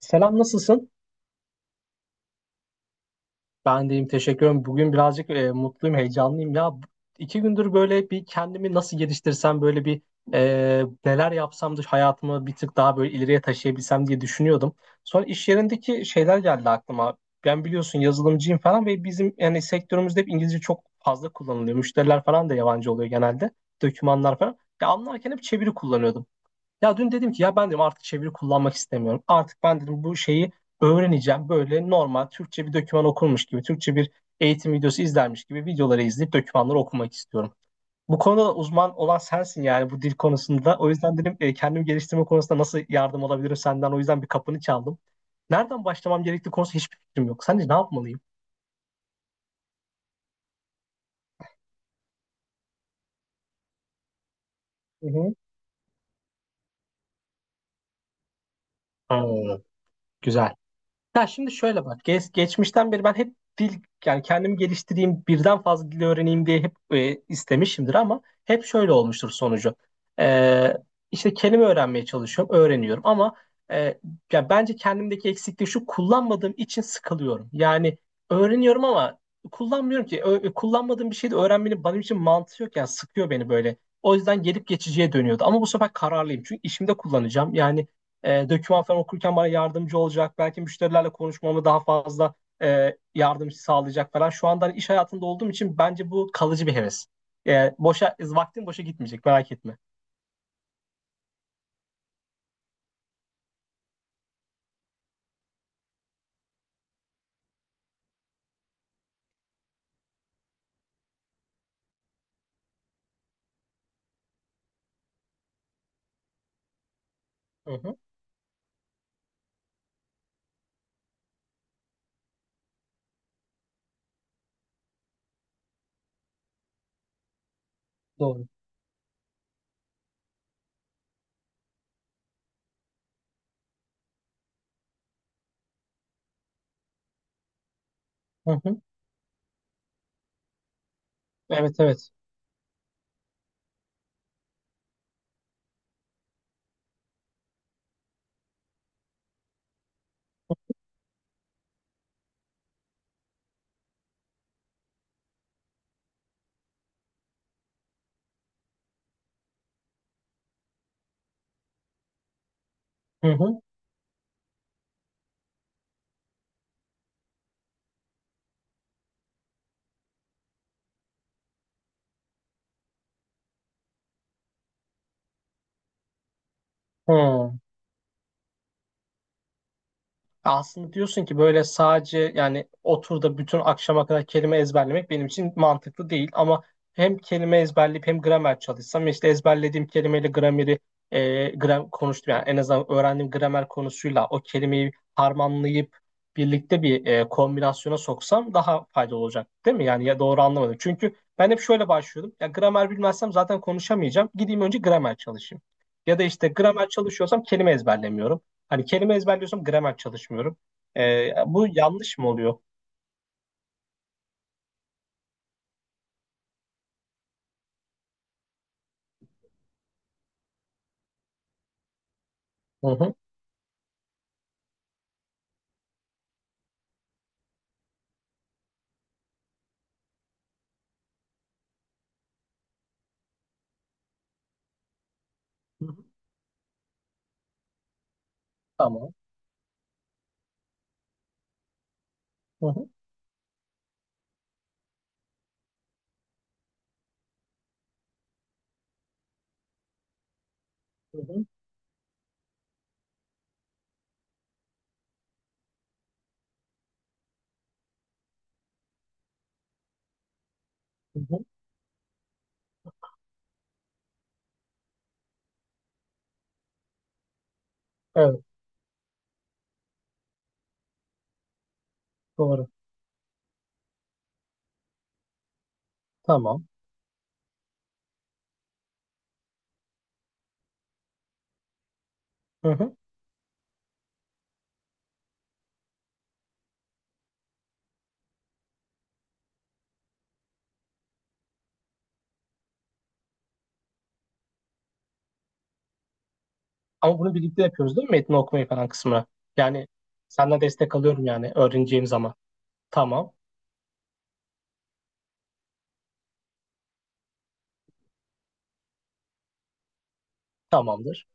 Selam, nasılsın? Ben deyim teşekkür ederim. Bugün birazcık mutluyum, heyecanlıyım ya. İki gündür böyle bir kendimi nasıl geliştirsem, böyle bir neler yapsam da hayatımı bir tık daha böyle ileriye taşıyabilsem diye düşünüyordum. Sonra iş yerindeki şeyler geldi aklıma. Ben biliyorsun yazılımcıyım falan, ve bizim yani sektörümüzde hep İngilizce çok fazla kullanılıyor. Müşteriler falan da yabancı oluyor genelde. Dokümanlar falan. Ya anlarken hep çeviri kullanıyordum. Ya dün dedim ki ya ben dedim artık çeviri kullanmak istemiyorum. Artık ben dedim bu şeyi öğreneceğim. Böyle normal Türkçe bir doküman okurmuş gibi, Türkçe bir eğitim videosu izlermiş gibi videoları izleyip dokümanları okumak istiyorum. Bu konuda da uzman olan sensin, yani bu dil konusunda. O yüzden dedim kendimi geliştirme konusunda nasıl yardım alabilirim senden. O yüzden bir kapını çaldım. Nereden başlamam gerektiği konusunda hiçbir fikrim yok. Sence ne yapmalıyım? Hı hı. Hmm, güzel. Ya şimdi şöyle bak, geçmişten beri ben hep dil, yani kendimi geliştireyim, birden fazla dil öğreneyim diye hep istemişimdir, ama hep şöyle olmuştur sonucu. Ee, işte kelime öğrenmeye çalışıyorum, öğreniyorum, ama e, ya bence kendimdeki eksiklik şu: kullanmadığım için sıkılıyorum. Yani öğreniyorum ama kullanmıyorum ki. Kullanmadığım bir şeyi de öğrenmenin benim için mantığı yok, yani sıkıyor beni böyle. O yüzden gelip geçiciye dönüyordu. Ama bu sefer kararlıyım, çünkü işimde kullanacağım. Yani doküman falan okurken bana yardımcı olacak. Belki müşterilerle konuşmamı daha fazla yardımcı sağlayacak falan. Şu anda hani iş hayatında olduğum için bence bu kalıcı bir heves. Boşa vaktim boşa gitmeyecek, merak etme. Hı hı. Doğru. Hı hı. Evet, evet. Hı hı. Hı. Aslında diyorsun ki böyle sadece yani otur da bütün akşama kadar kelime ezberlemek benim için mantıklı değil, ama hem kelime ezberleyip hem gramer çalışsam, işte ezberlediğim kelimeyle grameri, gram konuştum yani, en azından öğrendiğim gramer konusuyla o kelimeyi harmanlayıp birlikte bir kombinasyona soksam daha faydalı olacak değil mi? Yani ya doğru anlamadım. Çünkü ben hep şöyle başlıyordum. Ya gramer bilmezsem zaten konuşamayacağım. Gideyim önce gramer çalışayım. Ya da işte gramer çalışıyorsam kelime ezberlemiyorum. Hani kelime ezberliyorsam gramer çalışmıyorum. Bu yanlış mı oluyor? Hı hı. Hı hı. Tamam. Hı hı. Hı hı. Hı hı. Evet, doğru. Tamam. Hı hı. Ama bunu birlikte yapıyoruz değil mi? Metni okumayı falan kısmına. Yani senden destek alıyorum yani öğreneceğim zaman. Tamam. Tamamdır.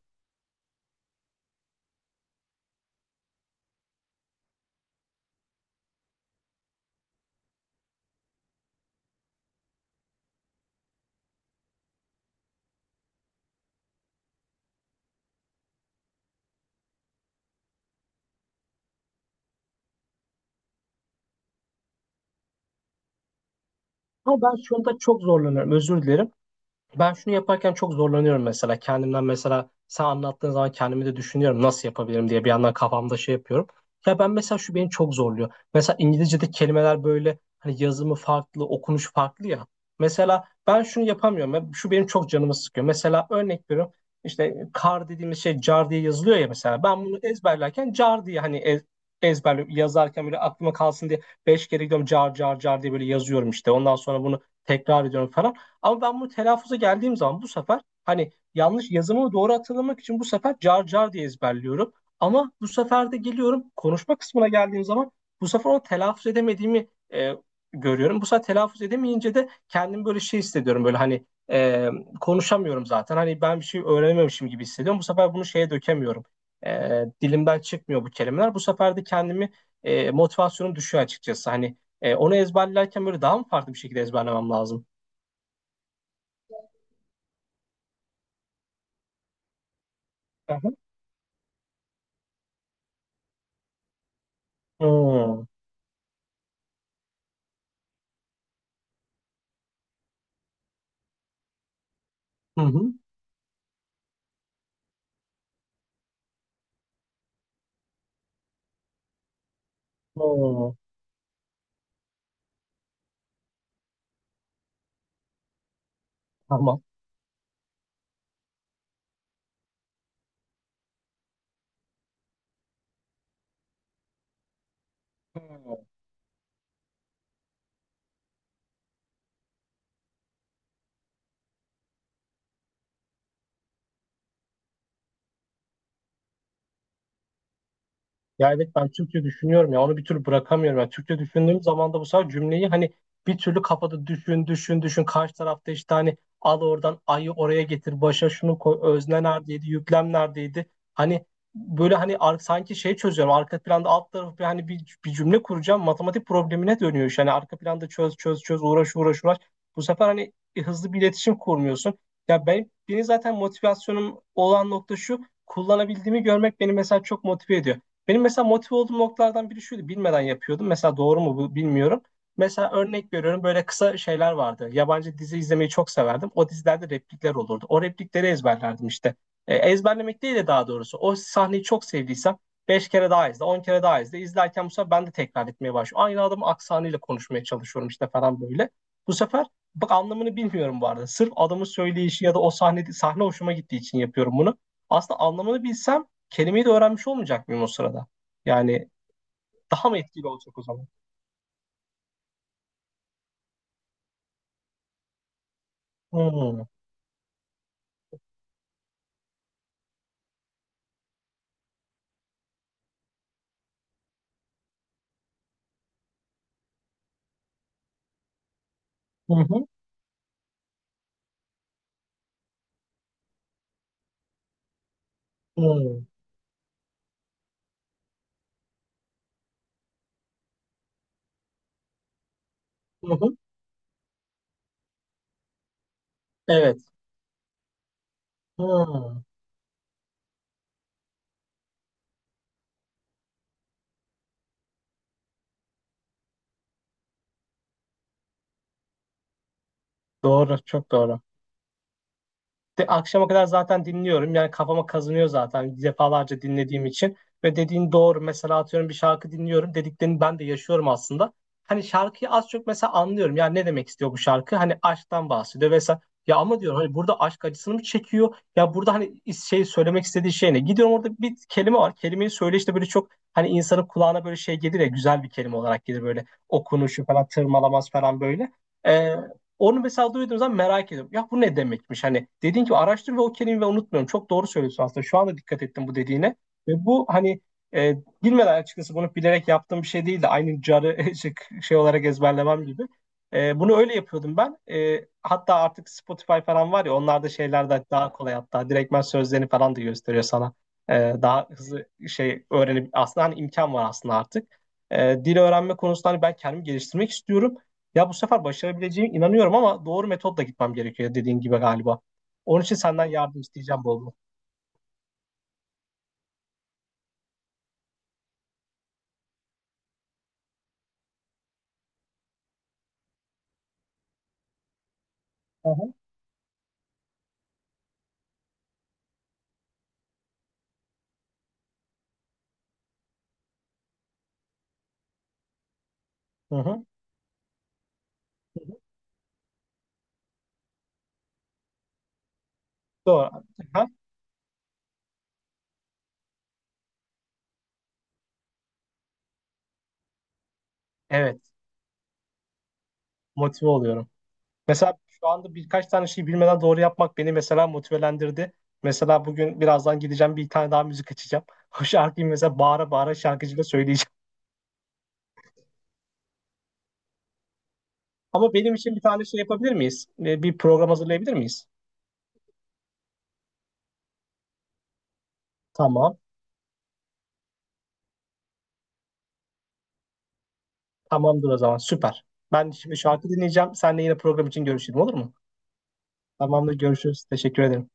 Ama ben şunda çok zorlanıyorum. Özür dilerim. Ben şunu yaparken çok zorlanıyorum mesela. Kendimden mesela, sen anlattığın zaman kendimi de düşünüyorum nasıl yapabilirim diye, bir yandan kafamda şey yapıyorum. Ya ben mesela şu beni çok zorluyor. Mesela İngilizce'de kelimeler böyle hani yazımı farklı, okunuş farklı ya. Mesela ben şunu yapamıyorum. Ya şu benim çok canımı sıkıyor. Mesela örnek veriyorum. İşte kar dediğimiz şey car diye yazılıyor ya mesela. Ben bunu ezberlerken car diye hani ezberliyorum. Yazarken böyle aklıma kalsın diye 5 kere gidiyorum car car car diye böyle yazıyorum işte. Ondan sonra bunu tekrar ediyorum falan. Ama ben bunu telaffuza geldiğim zaman bu sefer hani yanlış yazımı doğru hatırlamak için bu sefer car car diye ezberliyorum. Ama bu sefer de geliyorum, konuşma kısmına geldiğim zaman bu sefer onu telaffuz edemediğimi e, görüyorum. Bu sefer telaffuz edemeyince de kendimi böyle şey hissediyorum, böyle hani e, konuşamıyorum zaten. Hani ben bir şey öğrenememişim gibi hissediyorum. Bu sefer bunu şeye dökemiyorum. Dilimden çıkmıyor bu kelimeler. Bu sefer de kendimi motivasyonum düşüyor açıkçası. Hani onu ezberlerken böyle daha mı farklı bir şekilde ezberlemem lazım? Hı. Hı hı. Hı, tamam. Hı. Ya evet, ben Türkçe düşünüyorum ya, onu bir türlü bırakamıyorum. Yani Türkçe düşündüğüm zaman da bu sefer cümleyi hani bir türlü kafada düşün düşün düşün, karşı tarafta işte hani al oradan ayı oraya getir, başa şunu koy, özne neredeydi, yüklem neredeydi. Hani böyle hani sanki şey çözüyorum arka planda, alt tarafı bir hani bir cümle kuracağım matematik problemine dönüyor iş. Hani arka planda çöz çöz çöz, uğraş uğraş uğraş, bu sefer hani hızlı bir iletişim kurmuyorsun. Ya benim zaten motivasyonum olan nokta şu: kullanabildiğimi görmek beni mesela çok motive ediyor. Benim mesela motive olduğum noktalardan biri şuydu. Bilmeden yapıyordum. Mesela doğru mu bu, bilmiyorum. Mesela örnek veriyorum, böyle kısa şeyler vardı. Yabancı dizi izlemeyi çok severdim. O dizilerde replikler olurdu. O replikleri ezberlerdim işte. E, ezberlemek değil de daha doğrusu, o sahneyi çok sevdiysem 5 kere daha izle, 10 kere daha izle. İzlerken bu sefer ben de tekrar etmeye başlıyorum. Aynı adamın aksanıyla konuşmaya çalışıyorum işte falan böyle. Bu sefer, bak anlamını bilmiyorum bu arada. Sırf adamın söyleyişi ya da o sahne hoşuma gittiği için yapıyorum bunu. Aslında anlamını bilsem kelimeyi de öğrenmiş olmayacak mıyım o sırada? Yani daha mı etkili olacak o zaman? Hmm. Hı hı. Hı. Hı hı. Hı. Evet. Hı. Doğru, çok doğru. De, akşama kadar zaten dinliyorum. Yani kafama kazınıyor zaten defalarca dinlediğim için. Ve dediğin doğru. Mesela atıyorum bir şarkı dinliyorum. Dediklerini ben de yaşıyorum aslında. Hani şarkıyı az çok mesela anlıyorum. Yani ne demek istiyor bu şarkı? Hani aşktan bahsediyor vesaire. Ya ama diyorum hani burada aşk acısını mı çekiyor? Ya burada hani şey söylemek istediği şey ne? Gidiyorum, orada bir kelime var. Kelimeyi söyle işte, böyle çok hani insanın kulağına böyle şey gelir ya, güzel bir kelime olarak gelir, böyle okunuşu falan tırmalamaz falan böyle. Onu mesela duyduğum zaman merak ediyorum. Ya bu ne demekmiş? Hani dediğin gibi araştır, ve o kelimeyi unutmuyorum. Çok doğru söylüyorsun aslında. Şu anda dikkat ettim bu dediğine. Ve bu hani e, bilmeden, açıkçası bunu bilerek yaptığım bir şey değildi. Aynı carı şey olarak ezberlemem gibi. E, bunu öyle yapıyordum ben. E, hatta artık Spotify falan var ya, onlarda şeyler de daha kolay hatta. Direktmen sözlerini falan da gösteriyor sana. E, daha hızlı şey öğrenip aslında, hani imkan var aslında artık. Dil öğrenme konusunda hani ben kendimi geliştirmek istiyorum. Ya bu sefer başarabileceğim inanıyorum, ama doğru metotla gitmem gerekiyor dediğin gibi galiba. Onun için senden yardım isteyeceğim bol bol. Hı hı. Hı hı. Doğru. Aha. Evet. Motive oluyorum. Mesela şu anda birkaç tane şey bilmeden doğru yapmak beni mesela motivelendirdi. Mesela bugün birazdan gideceğim, bir tane daha müzik açacağım. O şarkıyı mesela bağıra bağıra şarkıcıyla söyleyeceğim. Ama benim için bir tane şey yapabilir miyiz? Bir program hazırlayabilir miyiz? Tamam. Tamamdır o zaman. Süper. Ben şimdi şarkı dinleyeceğim. Seninle yine program için görüşelim, olur mu? Tamamdır, görüşürüz. Teşekkür ederim.